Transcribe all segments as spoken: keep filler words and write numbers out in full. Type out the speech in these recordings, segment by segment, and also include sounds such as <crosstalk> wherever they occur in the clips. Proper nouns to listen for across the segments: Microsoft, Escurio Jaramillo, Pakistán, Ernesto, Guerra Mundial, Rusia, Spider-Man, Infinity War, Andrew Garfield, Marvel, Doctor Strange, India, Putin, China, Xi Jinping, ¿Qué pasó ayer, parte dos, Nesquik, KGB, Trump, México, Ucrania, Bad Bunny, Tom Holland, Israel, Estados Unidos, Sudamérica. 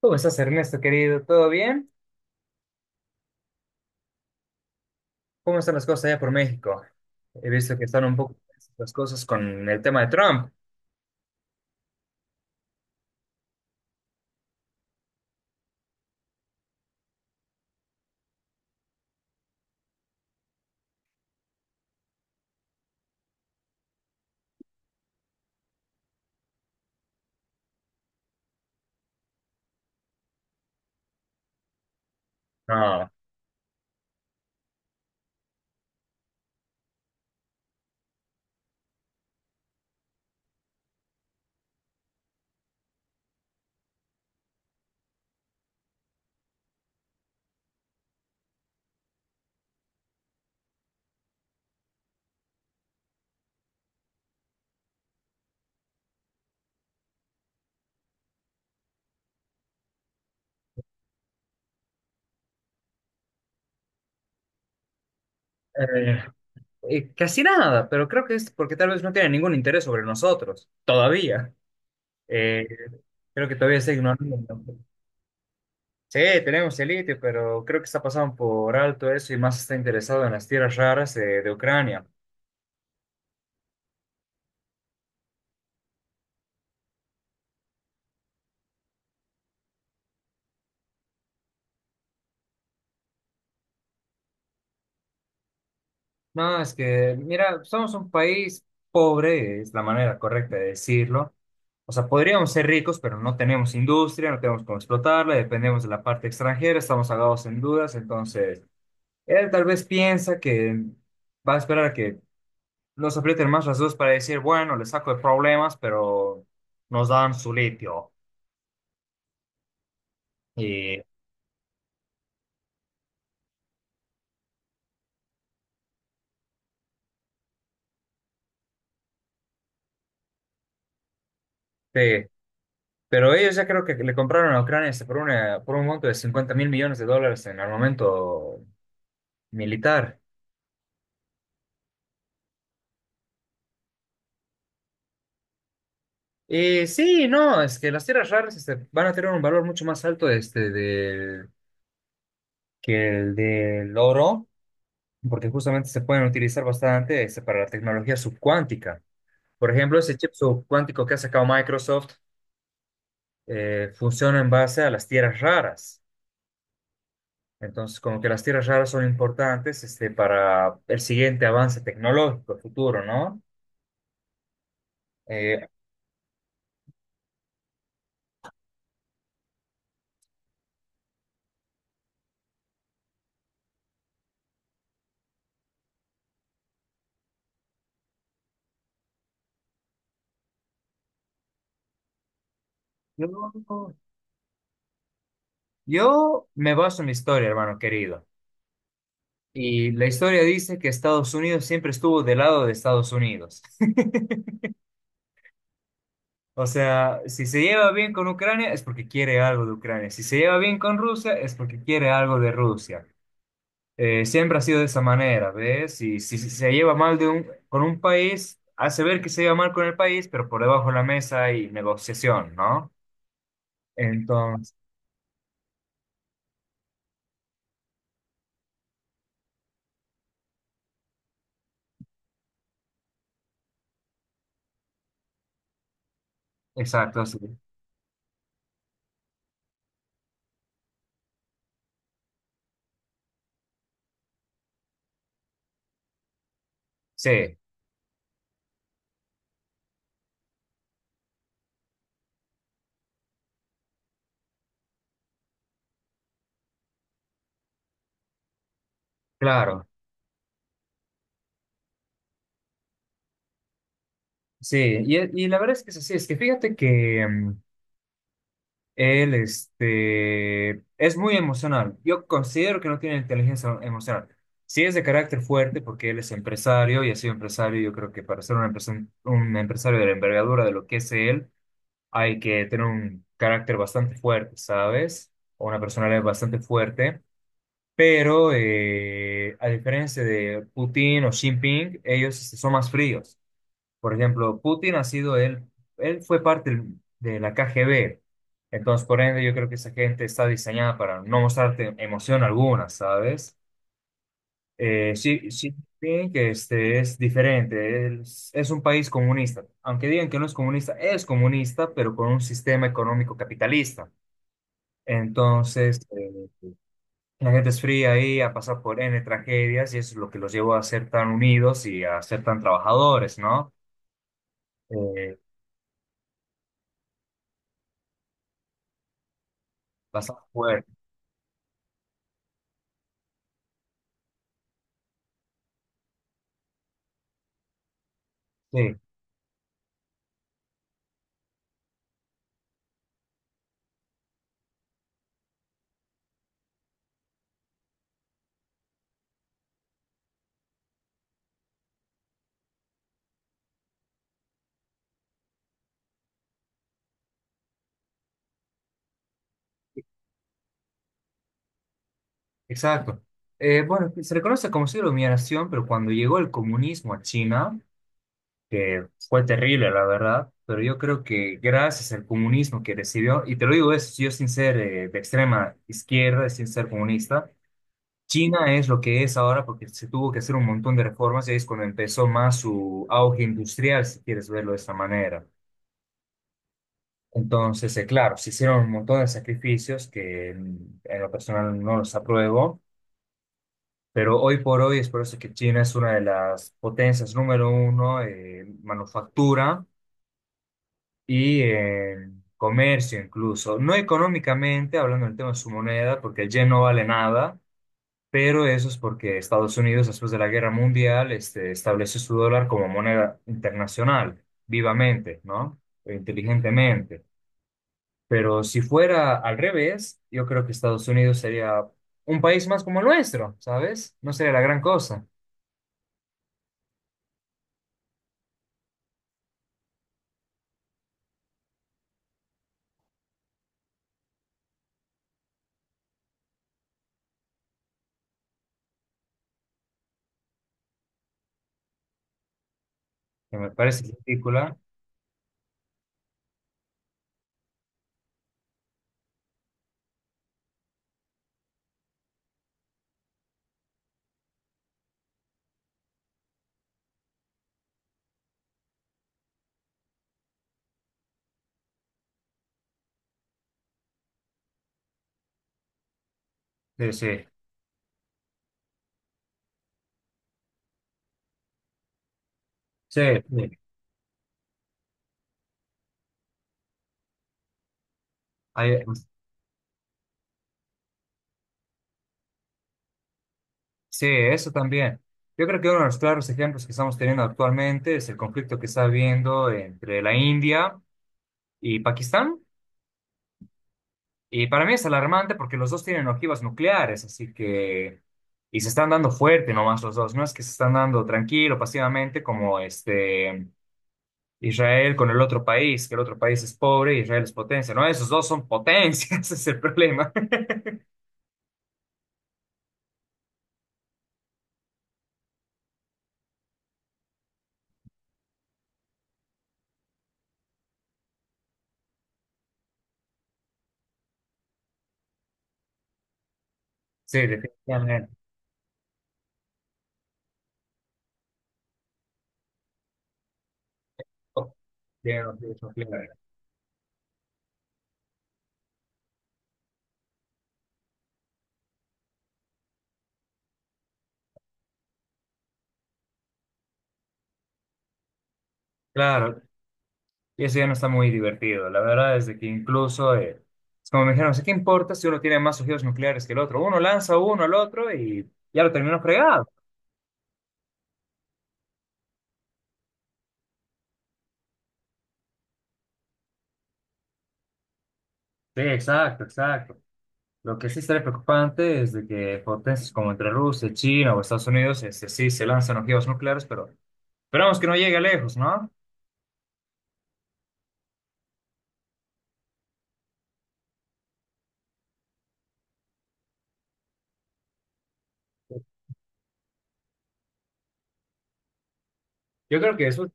¿Cómo estás, Ernesto, querido? ¿Todo bien? ¿Cómo están las cosas allá por México? He visto que están un poco tensas las cosas con el tema de Trump. No, eh, eh, casi nada, pero creo que es porque tal vez no tiene ningún interés sobre nosotros, todavía. Eh, Creo que todavía está ignorando. Sí, tenemos el litio, pero creo que está pasando por alto eso y más está interesado en las tierras raras eh, de Ucrania. No, es que, mira, somos un país pobre, es la manera correcta de decirlo. O sea, podríamos ser ricos, pero no tenemos industria, no tenemos cómo explotarla, dependemos de la parte extranjera, estamos agados en dudas. Entonces, él tal vez piensa que va a esperar a que nos aprieten más las dudas para decir, bueno, le saco de problemas, pero nos dan su litio. Y, sí, pero ellos ya creo que le compraron a Ucrania este, por, una, por un monto de cincuenta mil millones de dólares en armamento militar. Eh, sí, no, es que las tierras raras este, van a tener un valor mucho más alto este, del- que el del oro, porque justamente se pueden utilizar bastante este, para la tecnología subcuántica. Por ejemplo, ese chip subcuántico que ha sacado Microsoft eh, funciona en base a las tierras raras. Entonces, como que las tierras raras son importantes este, para el siguiente avance tecnológico futuro, ¿no? Eh, yo, yo me baso en mi historia, hermano querido. Y la historia dice que Estados Unidos siempre estuvo del lado de Estados Unidos. <laughs> O sea, si se lleva bien con Ucrania es porque quiere algo de Ucrania. Si se lleva bien con Rusia es porque quiere algo de Rusia. Eh, siempre ha sido de esa manera, ¿ves? Y si, si se lleva mal de un, con un país, hace ver que se lleva mal con el país, pero por debajo de la mesa hay negociación, ¿no? Entonces, exacto, sí. Sí, claro. Sí, y, y la verdad es que es así. Es que fíjate que mm, Él, este, es muy emocional. Yo considero que no tiene inteligencia emocional. Sí es de carácter fuerte porque él es empresario y ha sido empresario. Yo creo que para ser un empresa- un empresario de la envergadura de lo que es él, hay que tener un carácter bastante fuerte, ¿sabes? O una personalidad bastante fuerte. Pero eh, a diferencia de Putin o Xi Jinping, ellos este, son más fríos. Por ejemplo, Putin ha sido él, él fue parte del- de la K G B. Entonces, por ende, yo creo que esa gente está diseñada para no mostrarte emoción alguna, ¿sabes? Eh, Xi, Xi Jinping, que este, es diferente, es, es un país comunista. Aunque digan que no es comunista, es comunista, pero con un sistema económico capitalista. Entonces, eh, la gente es fría ahí, ha pasado por N tragedias y eso es lo que los llevó a ser tan unidos y a ser tan trabajadores, ¿no? Eh, Bastante fuerte, sí. Exacto. Eh, bueno, se le conoce como siglo de humillación, pero cuando llegó el comunismo a China, que fue terrible, la verdad, pero yo creo que gracias al comunismo que recibió, y te lo digo eso, yo sin ser eh, de extrema izquierda, sin ser comunista, China es lo que es ahora porque se tuvo que hacer un montón de reformas y ahí es cuando empezó más su auge industrial, si quieres verlo de esa manera. Entonces, eh, claro, se hicieron un montón de sacrificios que mm, en lo personal no los apruebo. Pero hoy por hoy es por eso que China es una de las potencias número uno en manufactura y en comercio incluso. No económicamente, hablando del tema de su moneda, porque el yen no vale nada, pero eso es porque Estados Unidos, después de la Guerra Mundial, este, estableció su dólar como moneda internacional, vivamente, ¿no? E Inteligentemente. Pero si fuera al revés, yo creo que Estados Unidos sería un país más como el nuestro, ¿sabes? No sería la gran cosa. que me parece ridícula. Sí, sí, sí, sí. Hay- sí, eso también. Yo creo que uno de los claros ejemplos que estamos teniendo actualmente es el conflicto que está habiendo entre la India y Pakistán. Y para mí es alarmante porque los dos tienen ojivas nucleares, así que... Y se están dando fuerte nomás los dos, no es que se están dando tranquilo, pasivamente, como este Israel con el otro país, que el otro país es pobre y Israel es potencia. No, esos dos son potencias, <laughs> ese es el problema. <laughs> Sí, definitivamente. Bien, no, sí, no, claro. Claro, y eso ya no está muy divertido. La verdad es de que incluso, eh, es como me dijeron: "Sí, ¿qué importa si uno tiene más ojivas nucleares que el otro? Uno lanza uno al otro y ya lo terminó fregado". Sí, exacto, exacto. Lo que sí estaría preocupante es de que potencias como entre Rusia, China o Estados Unidos, este, sí se lanzan ojivas nucleares, pero esperamos que no llegue lejos, ¿no? Yo creo que eso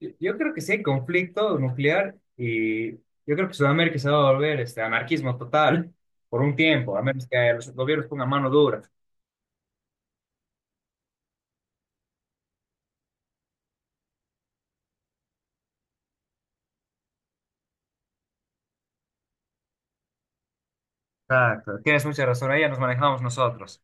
Yo yo creo que sí hay conflicto nuclear y yo creo que Sudamérica se va a volver este, anarquismo total por un tiempo, a menos que los gobiernos pongan mano dura. Exacto, tienes mucha razón, ahí ya nos manejamos nosotros.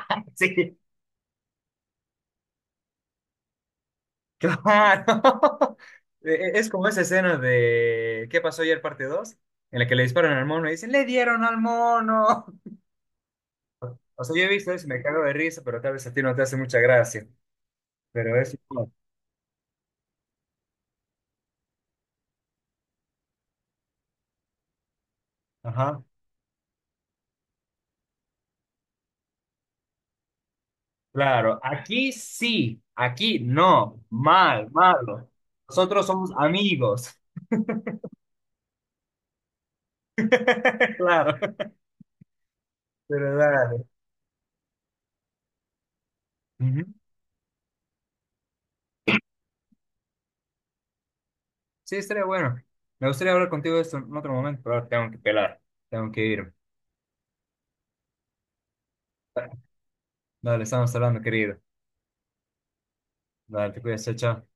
<laughs> Sí, claro. <laughs> Eh, Es como esa escena de ¿Qué pasó ayer?, parte dos. En la que le disparan al mono y dicen, ¡le dieron al mono! <laughs> O sea, yo he visto eso y me cago de risa, pero tal vez a ti no te hace mucha gracia. Pero es... Ajá. Claro, aquí sí, aquí no, mal, malo. Nosotros somos amigos. <laughs> Claro, pero dale. Ujú. Sí, estaría bueno. Me gustaría hablar contigo de esto en otro momento, pero ahora tengo que pelar, tengo que ir. Dale, estamos hablando, querido. Dale, te cuidas, chao. chao.